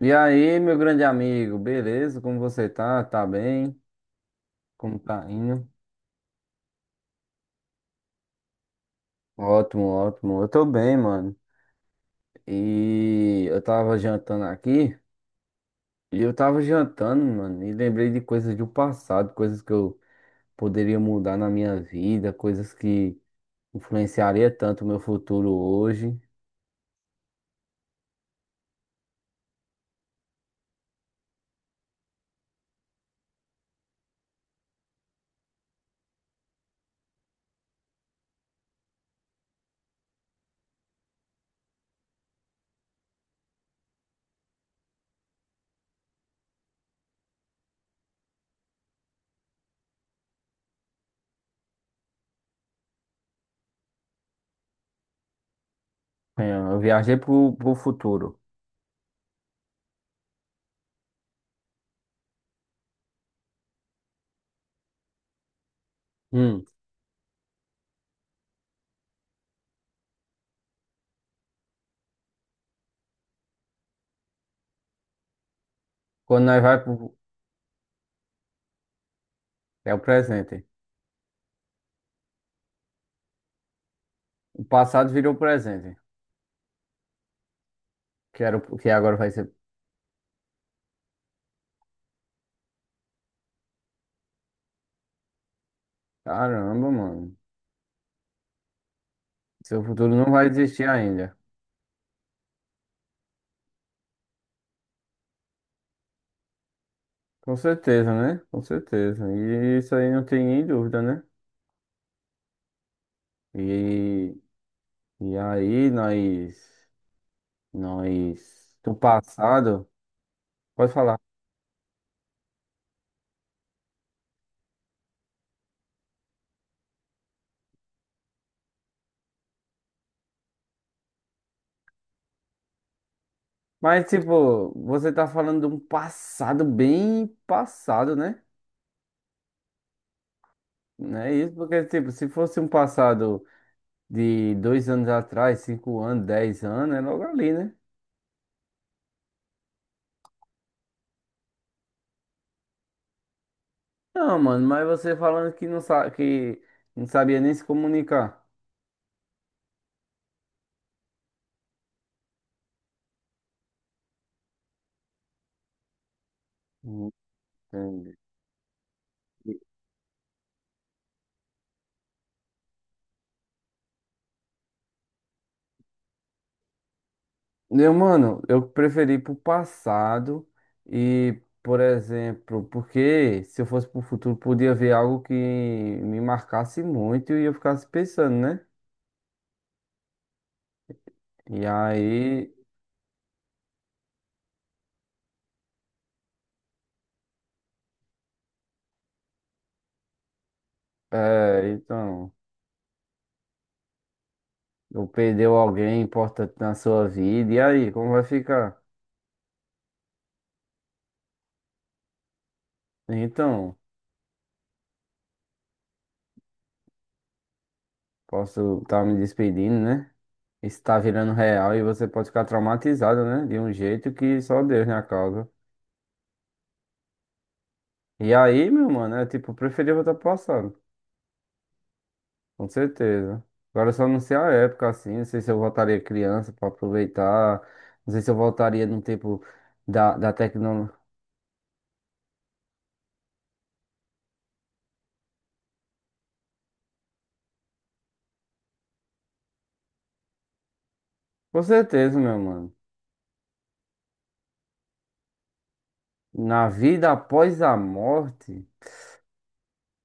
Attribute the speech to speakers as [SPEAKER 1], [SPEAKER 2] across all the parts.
[SPEAKER 1] E aí, meu grande amigo, beleza? Como você tá? Tá bem? Como tá indo? Ótimo, ótimo. Eu tô bem, mano. E eu tava jantando aqui, e eu tava jantando, mano, e lembrei de coisas do passado, coisas que eu poderia mudar na minha vida, coisas que influenciaria tanto o meu futuro hoje. É, eu viajei pro futuro. Hum. Quando nós vai pro... É o presente. O passado virou presente. Que era, o- que agora vai ser... Caramba, mano. Seu futuro não vai existir ainda. Com certeza, né? Com certeza. E isso aí não tem nem dúvida, né? E, e aí nós, do passado, pode falar. Mas, tipo, você tá falando de um passado bem passado, né? Não é isso, porque, tipo, se fosse um passado de 2 anos atrás, 5 anos, 10 anos, é logo ali, né? Não, mano, mas você falando que não sabe, que não sabia nem se comunicar. Hum, Entendi. Eu, mano, eu preferi pro passado e, por exemplo, porque se eu fosse pro futuro, podia ver algo que me marcasse muito e eu ficasse pensando, né? E aí, é, então, eu perdeu alguém importante na sua vida, e aí, como vai ficar? Então, posso estar me despedindo, né? Isso tá virando real e você pode ficar traumatizado, né? De um jeito que só Deus na causa. E aí, meu mano, é tipo, eu preferia voltar pro passado. Com certeza. Agora eu só não sei a época assim, não sei se eu voltaria criança para aproveitar, não sei se eu voltaria no tempo da tecnologia. Com certeza, meu mano. Na vida após a morte,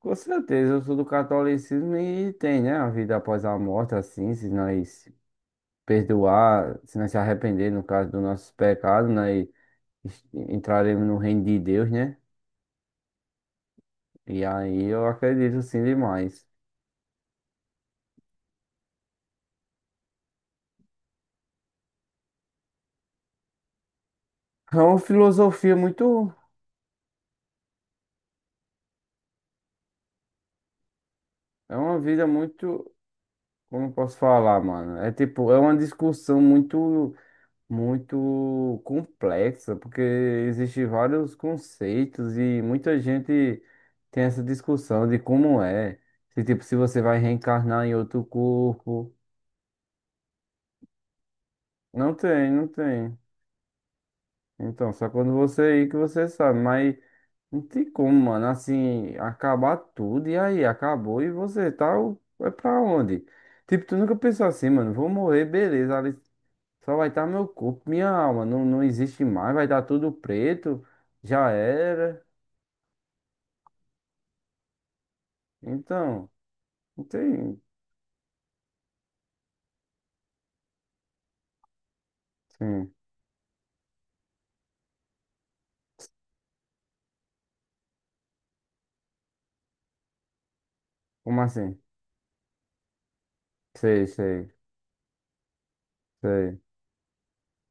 [SPEAKER 1] com certeza, eu sou do catolicismo e tem, né, a vida após a morte, assim, se nós perdoar, se nós se arrepender, no caso dos nossos pecados, nós es- entraremos no reino de Deus, né? E aí eu acredito sim demais. É uma filosofia muito. É uma vida muito, como eu posso falar, mano? É tipo, é uma discussão muito, muito complexa, porque existem vários conceitos e muita gente tem essa discussão de como é. Se tipo, se você vai reencarnar em outro corpo. Não tem, não tem. Então, só quando você ir que você sabe, mas não tem como, mano, assim, acabar tudo e aí acabou e você tá, o- vai pra onde? Tipo, tu nunca pensou assim, mano, vou morrer, beleza. Só vai estar meu corpo, minha alma. Não, não existe mais, vai dar tudo preto. Já era. Então, não tem. Sim. Como assim? Sei, sei, sei.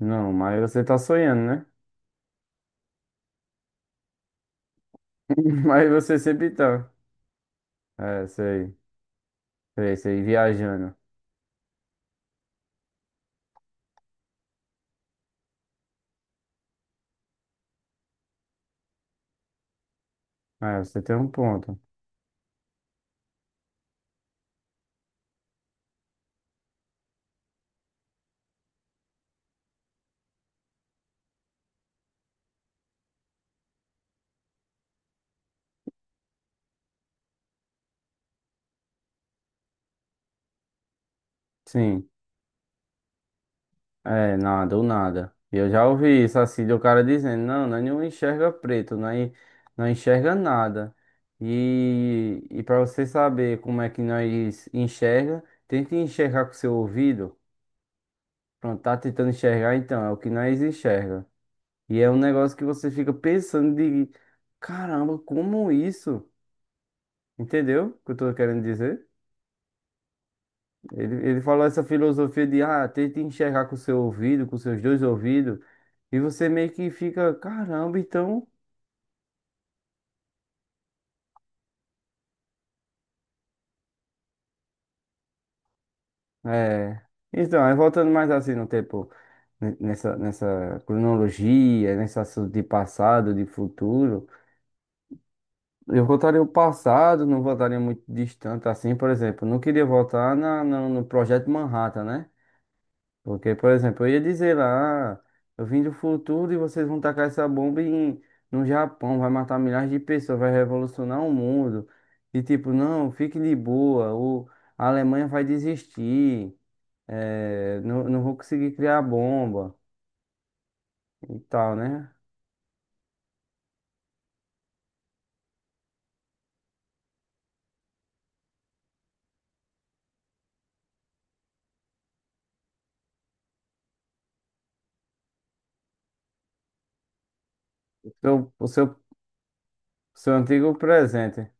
[SPEAKER 1] Não, mas você tá sonhando, né? Mas você sempre tá. É, sei, sei, sei, viajando. É, você tem um ponto. Sim. É, nada, ou nada. Eu já ouvi isso assim, do cara dizendo, não, nós não enxerga preto, nós não enxerga nada. E para você saber como é que nós enxerga, tente enxergar com seu ouvido. Pronto, tá tentando enxergar, então, é o que nós enxerga. E é um negócio que você fica pensando de, caramba, como isso? Entendeu o que eu tô querendo dizer? Ele falou essa filosofia de, ah, tenta enxergar com o seu ouvido, com os seus dois ouvidos, e você meio que fica, caramba, então, é... Então, aí voltando mais assim no tempo, n- nessa cronologia, nesse assunto de passado, de futuro, eu voltaria o passado, não voltaria muito distante assim, por exemplo, não queria voltar na, na- no Projeto Manhattan, né? Porque, por exemplo, eu ia dizer lá, "Ah, eu vim do futuro e vocês vão tacar essa bomba em, no Japão, vai matar milhares de pessoas, vai revolucionar o mundo. E tipo, não, fique de boa, o, a Alemanha vai desistir, não, não vou conseguir criar bomba e tal, né? O seu, o seu, seu antigo presente.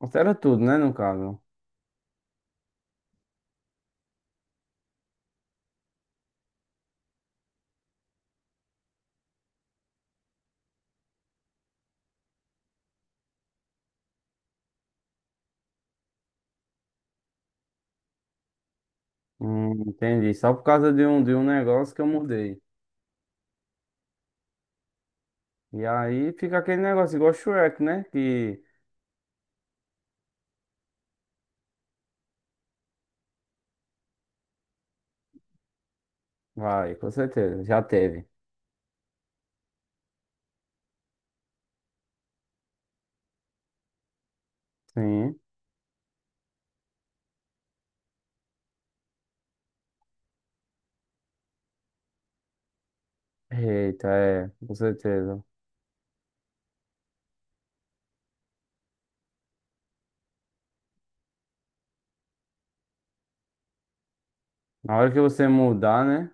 [SPEAKER 1] Altera tudo, né, no caso. Entendi. Só por causa de um negócio que eu mudei. E aí fica aquele negócio igual Shrek, né? Que vai, com certeza. Já teve. Sim. Eita, é, com certeza. Na hora que você mudar, né?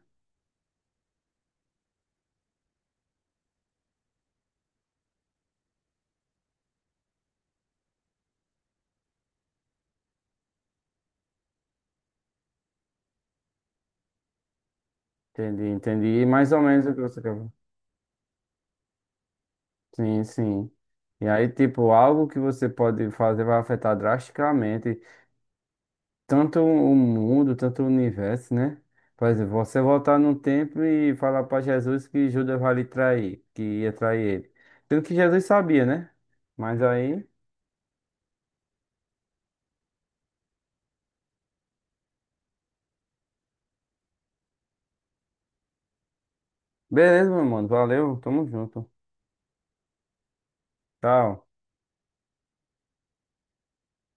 [SPEAKER 1] Entendi, entendi. Mais ou menos o que você quer. Sim, sim. E aí, tipo, algo que você pode fazer vai afetar drasticamente tanto o mundo, tanto o universo, né? Por exemplo, você voltar no tempo e falar para Jesus que Judas vai lhe trair, que ia trair ele. Sendo que Jesus sabia, né? Mas aí, beleza, meu mano. Valeu, tamo junto. Tchau.